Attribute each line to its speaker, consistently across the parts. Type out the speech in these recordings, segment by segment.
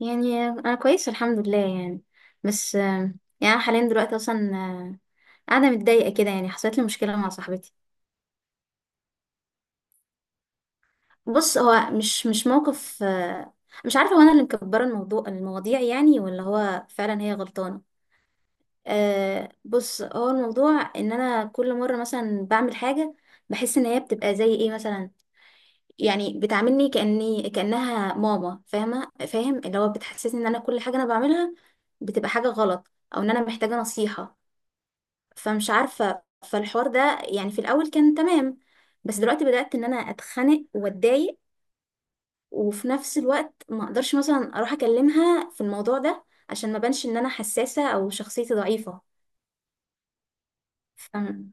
Speaker 1: يعني انا كويس، الحمد لله، يعني. بس يعني أنا حاليا دلوقتي اصلا قاعده متضايقه كده. يعني حصلت لي مشكله مع صاحبتي. بص، هو مش موقف. مش عارفه هو انا اللي مكبره الموضوع المواضيع يعني، ولا هو فعلا هي غلطانه؟ أه بص، هو الموضوع ان انا كل مره مثلا بعمل حاجه بحس ان هي بتبقى زي ايه مثلا، يعني بتعاملني كاني كانها ماما، فاهمه فاهم، اللي هو بتحسسني ان انا كل حاجه انا بعملها بتبقى حاجه غلط، او ان انا محتاجه نصيحه. فمش عارفة، فالحوار ده يعني في الأول كان تمام، بس دلوقتي بدأت إن أنا أتخنق وأتضايق، وفي نفس الوقت ما أقدرش مثلا أروح أكلمها في الموضوع ده عشان ما بانش إن أنا حساسة أو شخصيتي ضعيفة. فم-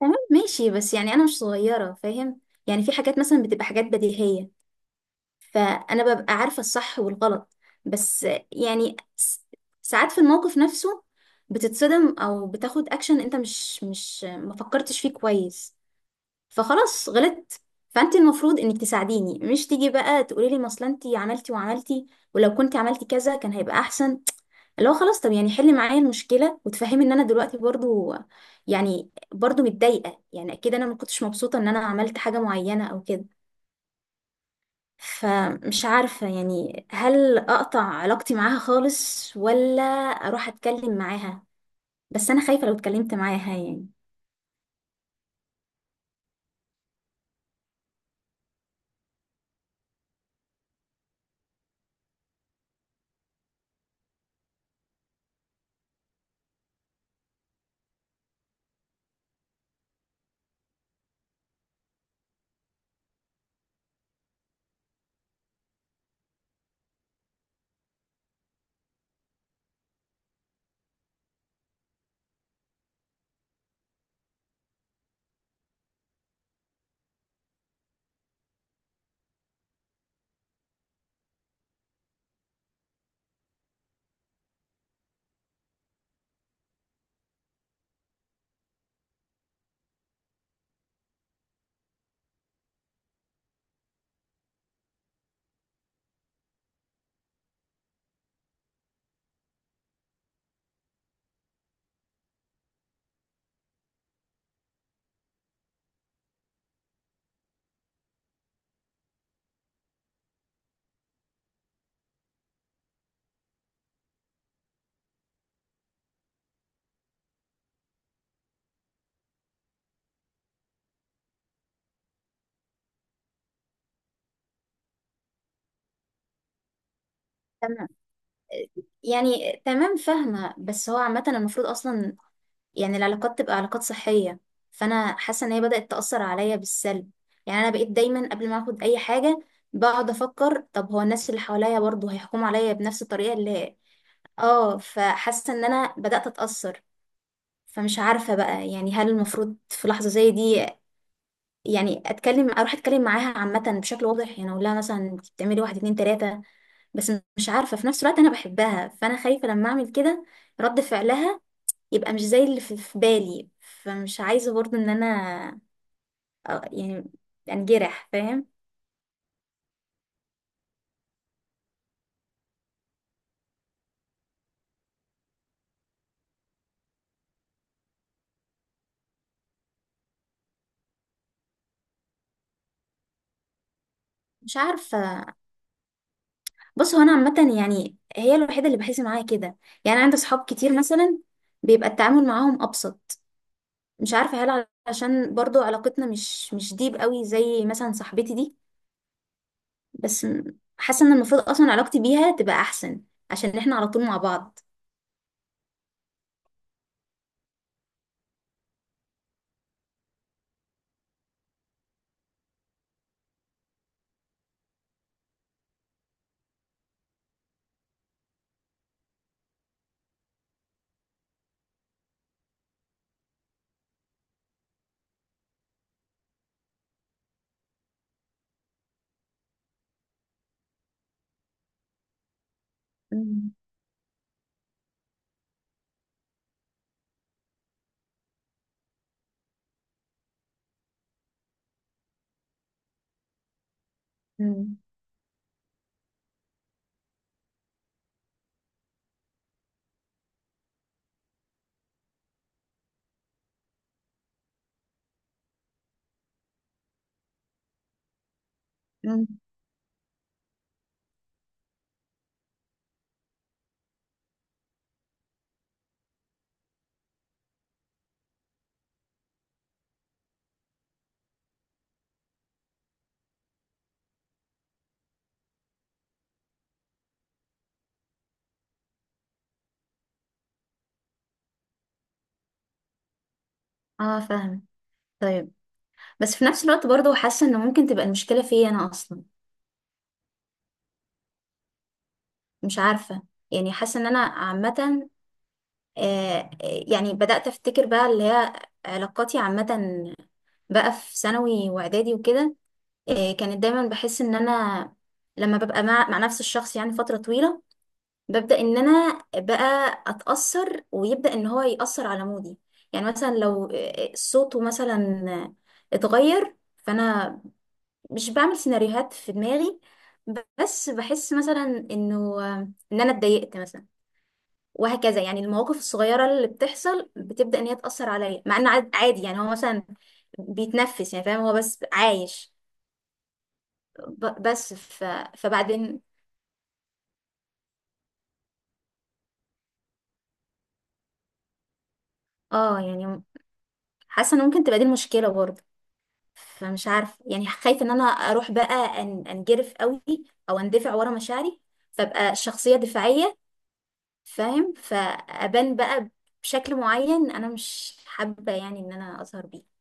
Speaker 1: تمام ماشي، بس يعني أنا مش صغيرة، فاهم؟ يعني في حاجات مثلا بتبقى حاجات بديهية، فأنا ببقى عارفة الصح والغلط، بس يعني ساعات في الموقف نفسه بتتصدم أو بتاخد أكشن أنت مش ما فكرتش فيه كويس، فخلاص غلطت. فانت المفروض انك تساعديني، مش تيجي بقى تقولي لي ما اصل انت عملتي وعملتي، ولو كنت عملتي كذا كان هيبقى احسن. اللي هو خلاص، طب يعني حلي معايا المشكله وتفهمي ان انا دلوقتي برضو، يعني برضو متضايقه، يعني اكيد انا ما كنتش مبسوطه ان انا عملت حاجه معينه او كده. فمش عارفه يعني، هل اقطع علاقتي معاها خالص، ولا اروح اتكلم معاها؟ بس انا خايفه لو اتكلمت معاها يعني. تمام، يعني تمام فاهمة، بس هو عامة المفروض أصلا يعني العلاقات تبقى علاقات صحية، فأنا حاسة إن هي بدأت تأثر عليا بالسلب. يعني أنا بقيت دايما قبل ما أخد أي حاجة بقعد أفكر، طب هو الناس اللي حواليا برضه هيحكموا عليا بنفس الطريقة اللي. آه، فحاسة إن أنا بدأت أتأثر، فمش عارفة بقى يعني، هل المفروض في لحظة زي دي يعني أتكلم، أروح أتكلم معاها عامة بشكل واضح، يعني أقول لها مثلا أنت بتعملي واحد اتنين تلاتة، بس مش عارفة في نفس الوقت أنا بحبها، فأنا خايفة لما أعمل كده رد فعلها يبقى مش زي اللي في بالي، فمش عايزة برضو ان انا يعني انجرح، فاهم؟ مش عارفة. بص، هو انا عامة يعني هي الوحيدة اللي بحس معاها كده، يعني عندي صحاب كتير مثلا بيبقى التعامل معاهم ابسط، مش عارفة هل عشان برضو علاقتنا مش ديب قوي زي مثلا صاحبتي دي، بس حاسة ان المفروض اصلا علاقتي بيها تبقى احسن عشان احنا على طول مع بعض. مم. مم. مم. اه، فاهمة. طيب، بس في نفس الوقت برضو حاسة ان ممكن تبقى المشكلة فيا انا اصلا. مش عارفة، يعني حاسة ان انا عامة، آه، يعني بدأت افتكر بقى اللي هي علاقاتي عامة بقى في ثانوي واعدادي وكده، كانت دايما بحس ان انا لما ببقى مع نفس الشخص يعني فترة طويلة ببدأ ان انا بقى اتأثر، ويبدأ ان هو يأثر على مودي. يعني مثلا لو صوته مثلا اتغير، فانا مش بعمل سيناريوهات في دماغي، بس بحس مثلا انه ان انا اتضايقت مثلا، وهكذا. يعني المواقف الصغيرة اللي بتحصل بتبدأ ان هي تأثر عليا، مع ان عادي يعني هو مثلا بيتنفس يعني، فاهم؟ هو بس عايش. بس فبعدين، اه يعني حاسة ان ممكن تبقى دي المشكلة برضه. فمش عارفة يعني، خايفة ان انا اروح بقى انجرف قوي، او اندفع ورا مشاعري، فابقى شخصية دفاعية، فاهم؟ فابان بقى بشكل معين انا مش حابة يعني ان انا اظهر بيه.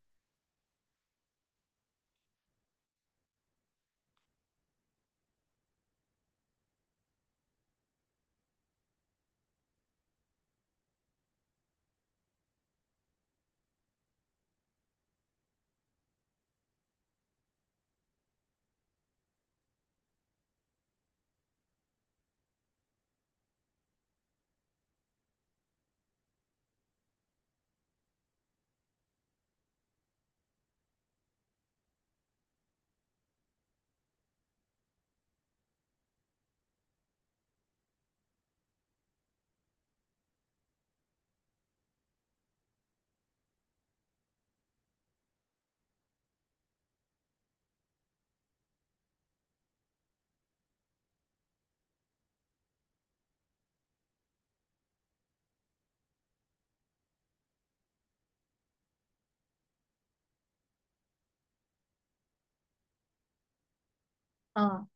Speaker 1: اه،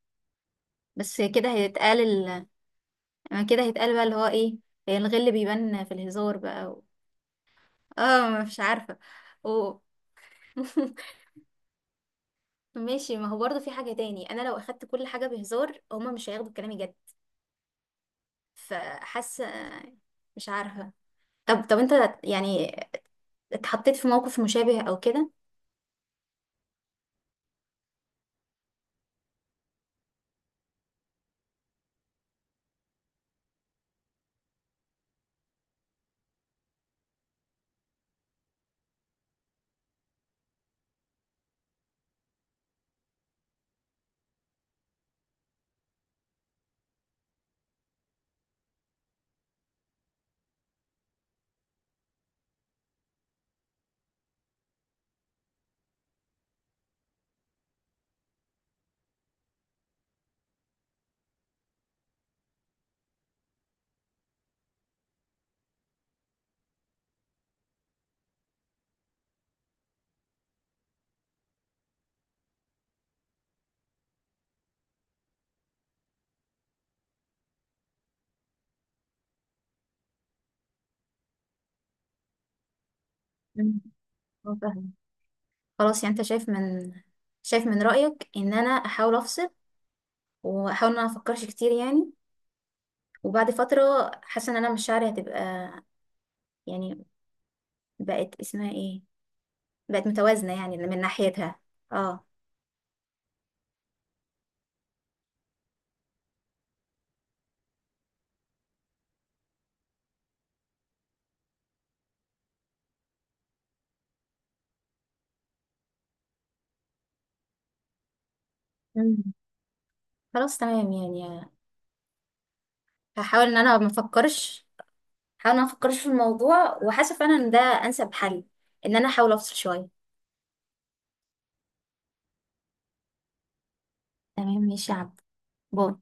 Speaker 1: بس كده هيتقال، يعني كده هيتقال بقى اللي هو ايه، هي الغل بيبان في الهزار بقى. اه مش عارفة. و... ماشي، ما هو برضه في حاجة تاني، انا لو اخدت كل حاجة بهزار هما مش هياخدوا كلامي جد، فحاسة، مش عارفة. طب انت يعني اتحطيت في موقف مشابه او كده؟ مم. اه فاهمة. خلاص يعني، انت شايف من رأيك ان انا احاول افصل، واحاول ان انا افكرش كتير يعني، وبعد فترة حاسة ان انا مشاعري هتبقى، يعني بقت اسمها ايه، بقت متوازنة يعني من ناحيتها. اه. مم. خلاص تمام يعني. هحاول ان انا ما افكرش هحاول ان انا ما افكرش في الموضوع، وحاسه فعلا ان ده انسب حل، ان انا احاول افصل شويه. تمام ماشي يا عبد. باي.